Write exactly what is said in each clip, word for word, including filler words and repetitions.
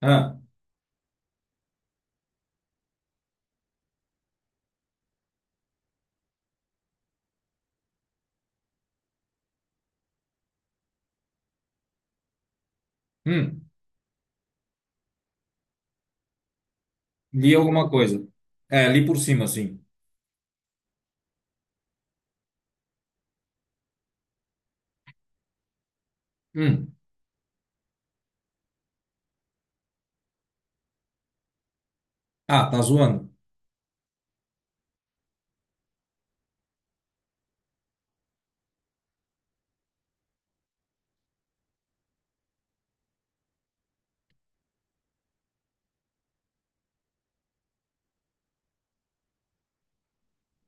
Ah, hum, li alguma coisa. É, li por cima, assim. Hum. Ah, tá zoando?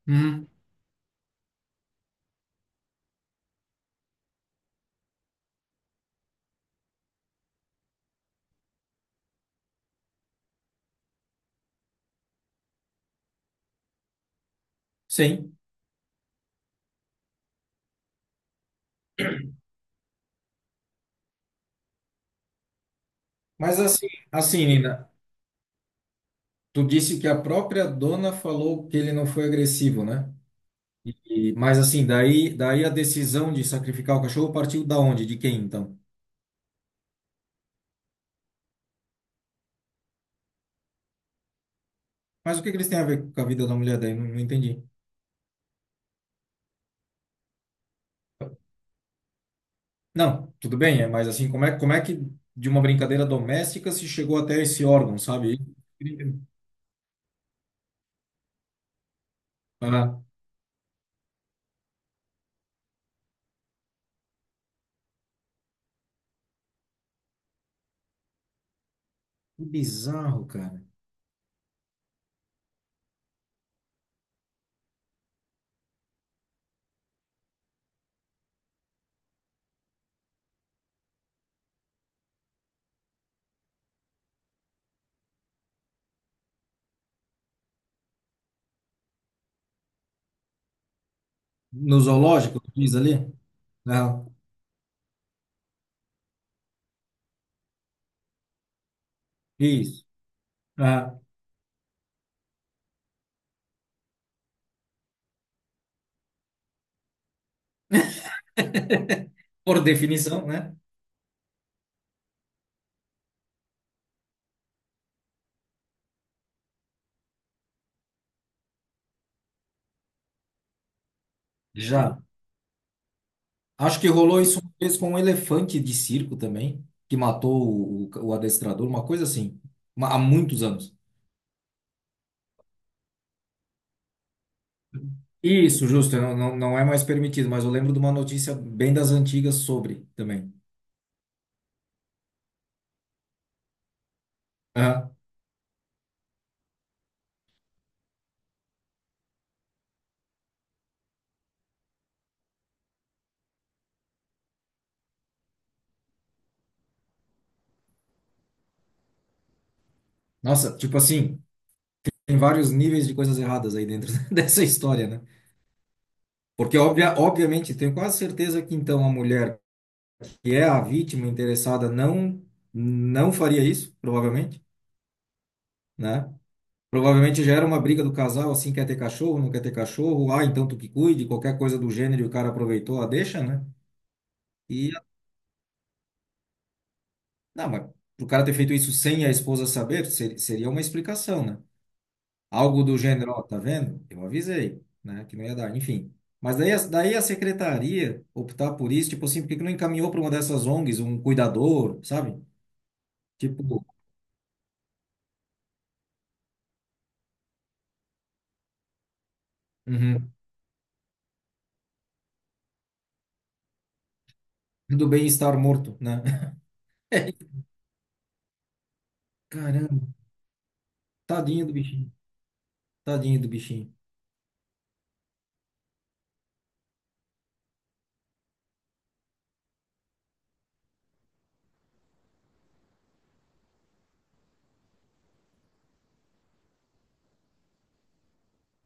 Hum, sim. Mas assim, assim, Nina, tu disse que a própria dona falou que ele não foi agressivo, né? E, mas assim, daí, daí a decisão de sacrificar o cachorro partiu da onde? De quem, então? Mas o que que eles têm a ver com a vida da mulher daí? Não, não entendi. Não, tudo bem, é, mas assim, como é, como é que de uma brincadeira doméstica se chegou até esse órgão, sabe? Ah, que bizarro, cara. No zoológico, tu diz ali? Não. Isso. Ah, por definição, né? Já. Acho que rolou isso uma vez com um elefante de circo também, que matou o, o- o adestrador, uma coisa assim, uma- há muitos anos. Isso, justo, não, não, não é mais permitido, mas eu lembro de uma notícia bem das antigas sobre também. Aham. Nossa, tipo assim, tem vários níveis de coisas erradas aí dentro dessa história, né? Porque, obvia, obviamente, tenho quase certeza que então a mulher que é a vítima interessada, não não faria isso, provavelmente, né? Provavelmente já era uma briga do casal, assim, quer ter cachorro, não quer ter cachorro, ah, então tu que cuide, qualquer coisa do gênero, e o cara aproveitou a deixa, né? E, não, mas pro cara ter feito isso sem a esposa saber, ser- seria uma explicação, né? Algo do gênero, ó, tá vendo? Eu avisei, né, que não ia dar, enfim. Mas daí, a- daí a secretaria optar por isso, tipo assim, por que que não encaminhou para uma dessas ONGs, um cuidador, sabe? Tipo. Uhum. Do bem-estar morto, né? Caramba, tadinho do bichinho. Tadinho do bichinho.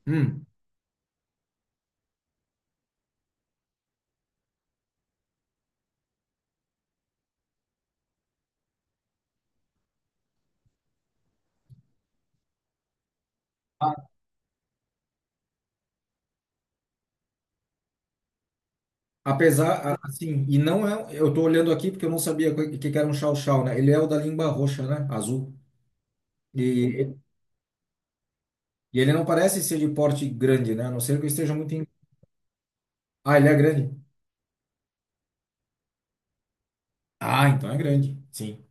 Hum. A- Apesar, a- assim, e não é. um, Eu tô olhando aqui porque eu não sabia o que que era um chow-chow, né? Ele é o da língua roxa, né? Azul. E, e ele não parece ser de porte grande, né? A não ser que eu esteja muito. Em. Ah, ele é grande. Ah, então é grande. Sim.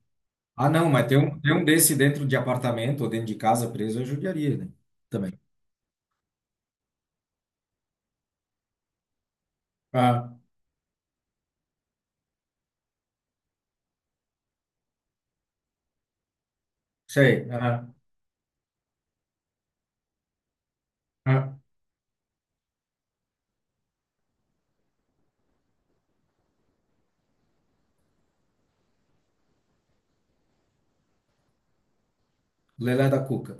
Ah, não, mas ter um, ter um desse dentro de apartamento ou dentro de casa preso é judiaria, né? Também. Ah, sei. Ah, ah. Lelé da Cuca.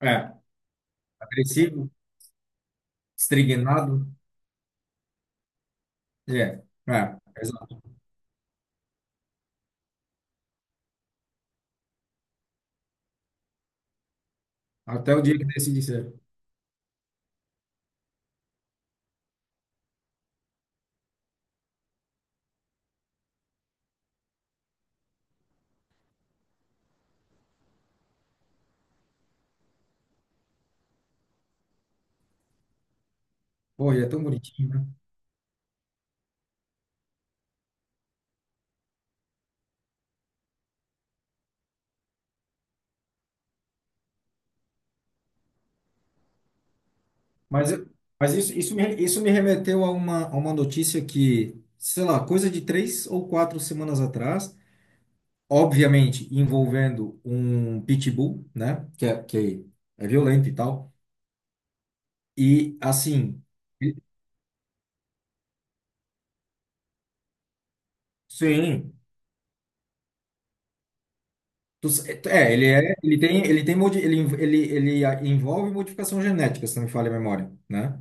Ah, é. Agressivo, estrignado. É. É. Até o dia que decidi ser. Pô, e é tão bonitinho, né? Mas, eu- mas isso, isso, me, isso me remeteu a uma, a uma notícia que, sei lá, coisa de três ou quatro semanas atrás, obviamente envolvendo um pitbull, né? Que é, que é violento e tal. E, assim, ele- sim. Tu s- É, ele é, ele tem, ele tem, modi- ele, env- ele, ele ah, envolve modificação genética, se não me falha a memória, né?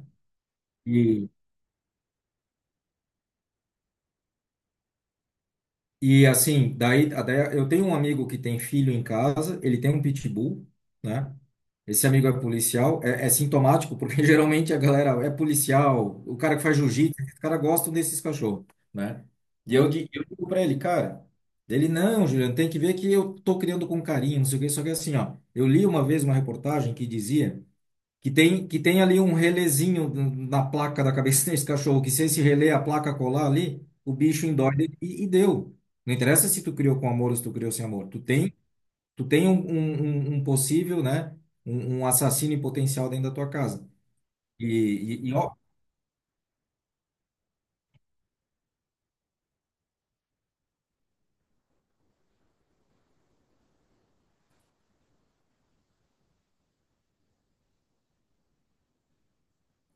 E assim, daí, daí eu tenho um amigo que tem filho em casa, ele tem um pitbull, né? Esse amigo é policial, é, é sintomático, porque geralmente a galera é policial, o cara que faz jiu-jitsu, os caras gostam desses cachorros, né? E eu, di- eu digo pra ele, cara, ele, não, Juliano, tem que ver que eu tô criando com carinho, não sei o quê, só que assim, ó, eu li uma vez uma reportagem que dizia que tem, que tem ali um relézinho na placa da cabeça desse cachorro, que se esse relé, a placa colar ali, o bicho endoide e, e deu. Não interessa se tu criou com amor ou se tu criou sem amor. Tu tem, tu tem um, um, um- um possível, né? Um, um assassino em potencial dentro da tua casa. E, e, e, ó,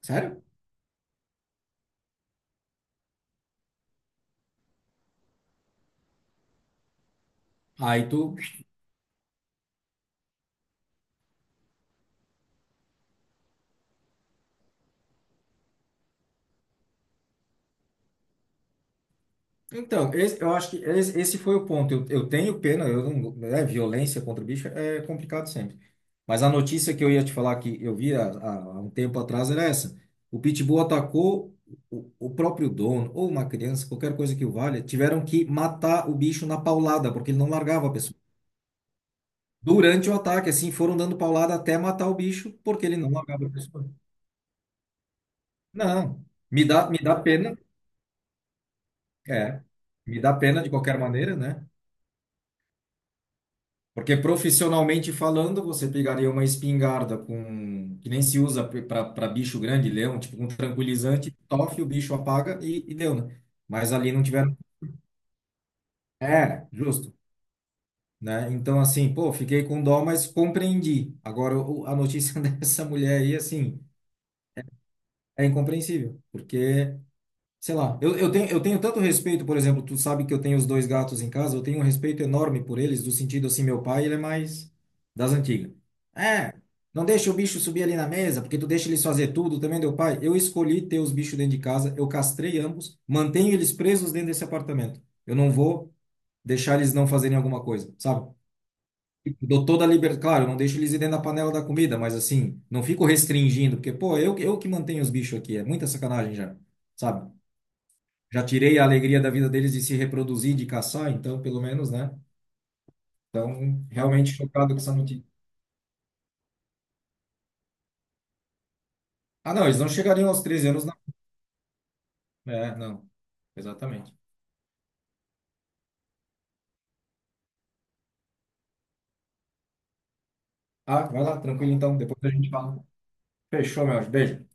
sério? Aí tu. Então, esse- eu acho que esse esse foi o ponto. Eu, eu tenho pena, eu não, né, violência contra o bicho é complicado sempre. Mas a notícia que eu ia te falar que eu vi há, há- há um tempo atrás era essa. O Pitbull atacou o, o próprio dono, ou uma criança, qualquer coisa que o valha, tiveram que matar o bicho na paulada, porque ele não largava a pessoa. Durante o ataque, assim, foram dando paulada até matar o bicho, porque ele não largava a pessoa. Não, me dá, me dá pena, é, me dá pena de qualquer maneira, né? Porque profissionalmente falando, você pegaria uma espingarda com que nem se usa para bicho grande, leão, tipo um tranquilizante, tofe, o bicho apaga e, e deu, né? Mas ali não tiveram. É, justo, né? Então, assim, pô, fiquei com dó, mas compreendi. Agora, o- a notícia dessa mulher aí, assim, é incompreensível, porque sei lá, eu, eu tenho, eu tenho tanto respeito, por exemplo, tu sabe que eu tenho os dois gatos em casa, eu tenho um respeito enorme por eles, do sentido assim, meu pai, ele é mais das antigas. É, não deixa o bicho subir ali na mesa, porque tu deixa eles fazer tudo, também deu pai. Eu escolhi ter os bichos dentro de casa, eu castrei ambos, mantenho eles presos dentro desse apartamento. Eu não vou deixar eles não fazerem alguma coisa, sabe? Dou toda a liberdade, claro, eu não deixo eles ir dentro da panela da comida, mas assim, não fico restringindo, porque, pô, eu, eu que mantenho os bichos aqui, é muita sacanagem já, sabe? Já tirei a alegria da vida deles de se reproduzir, de caçar, então, pelo menos, né? Então, realmente chocado com essa notícia. Ah, não, eles não chegariam aos treze anos, não. É, não. Exatamente. Ah, vai lá, tranquilo então, depois a gente fala. Fechou, meu anjo. Beijo.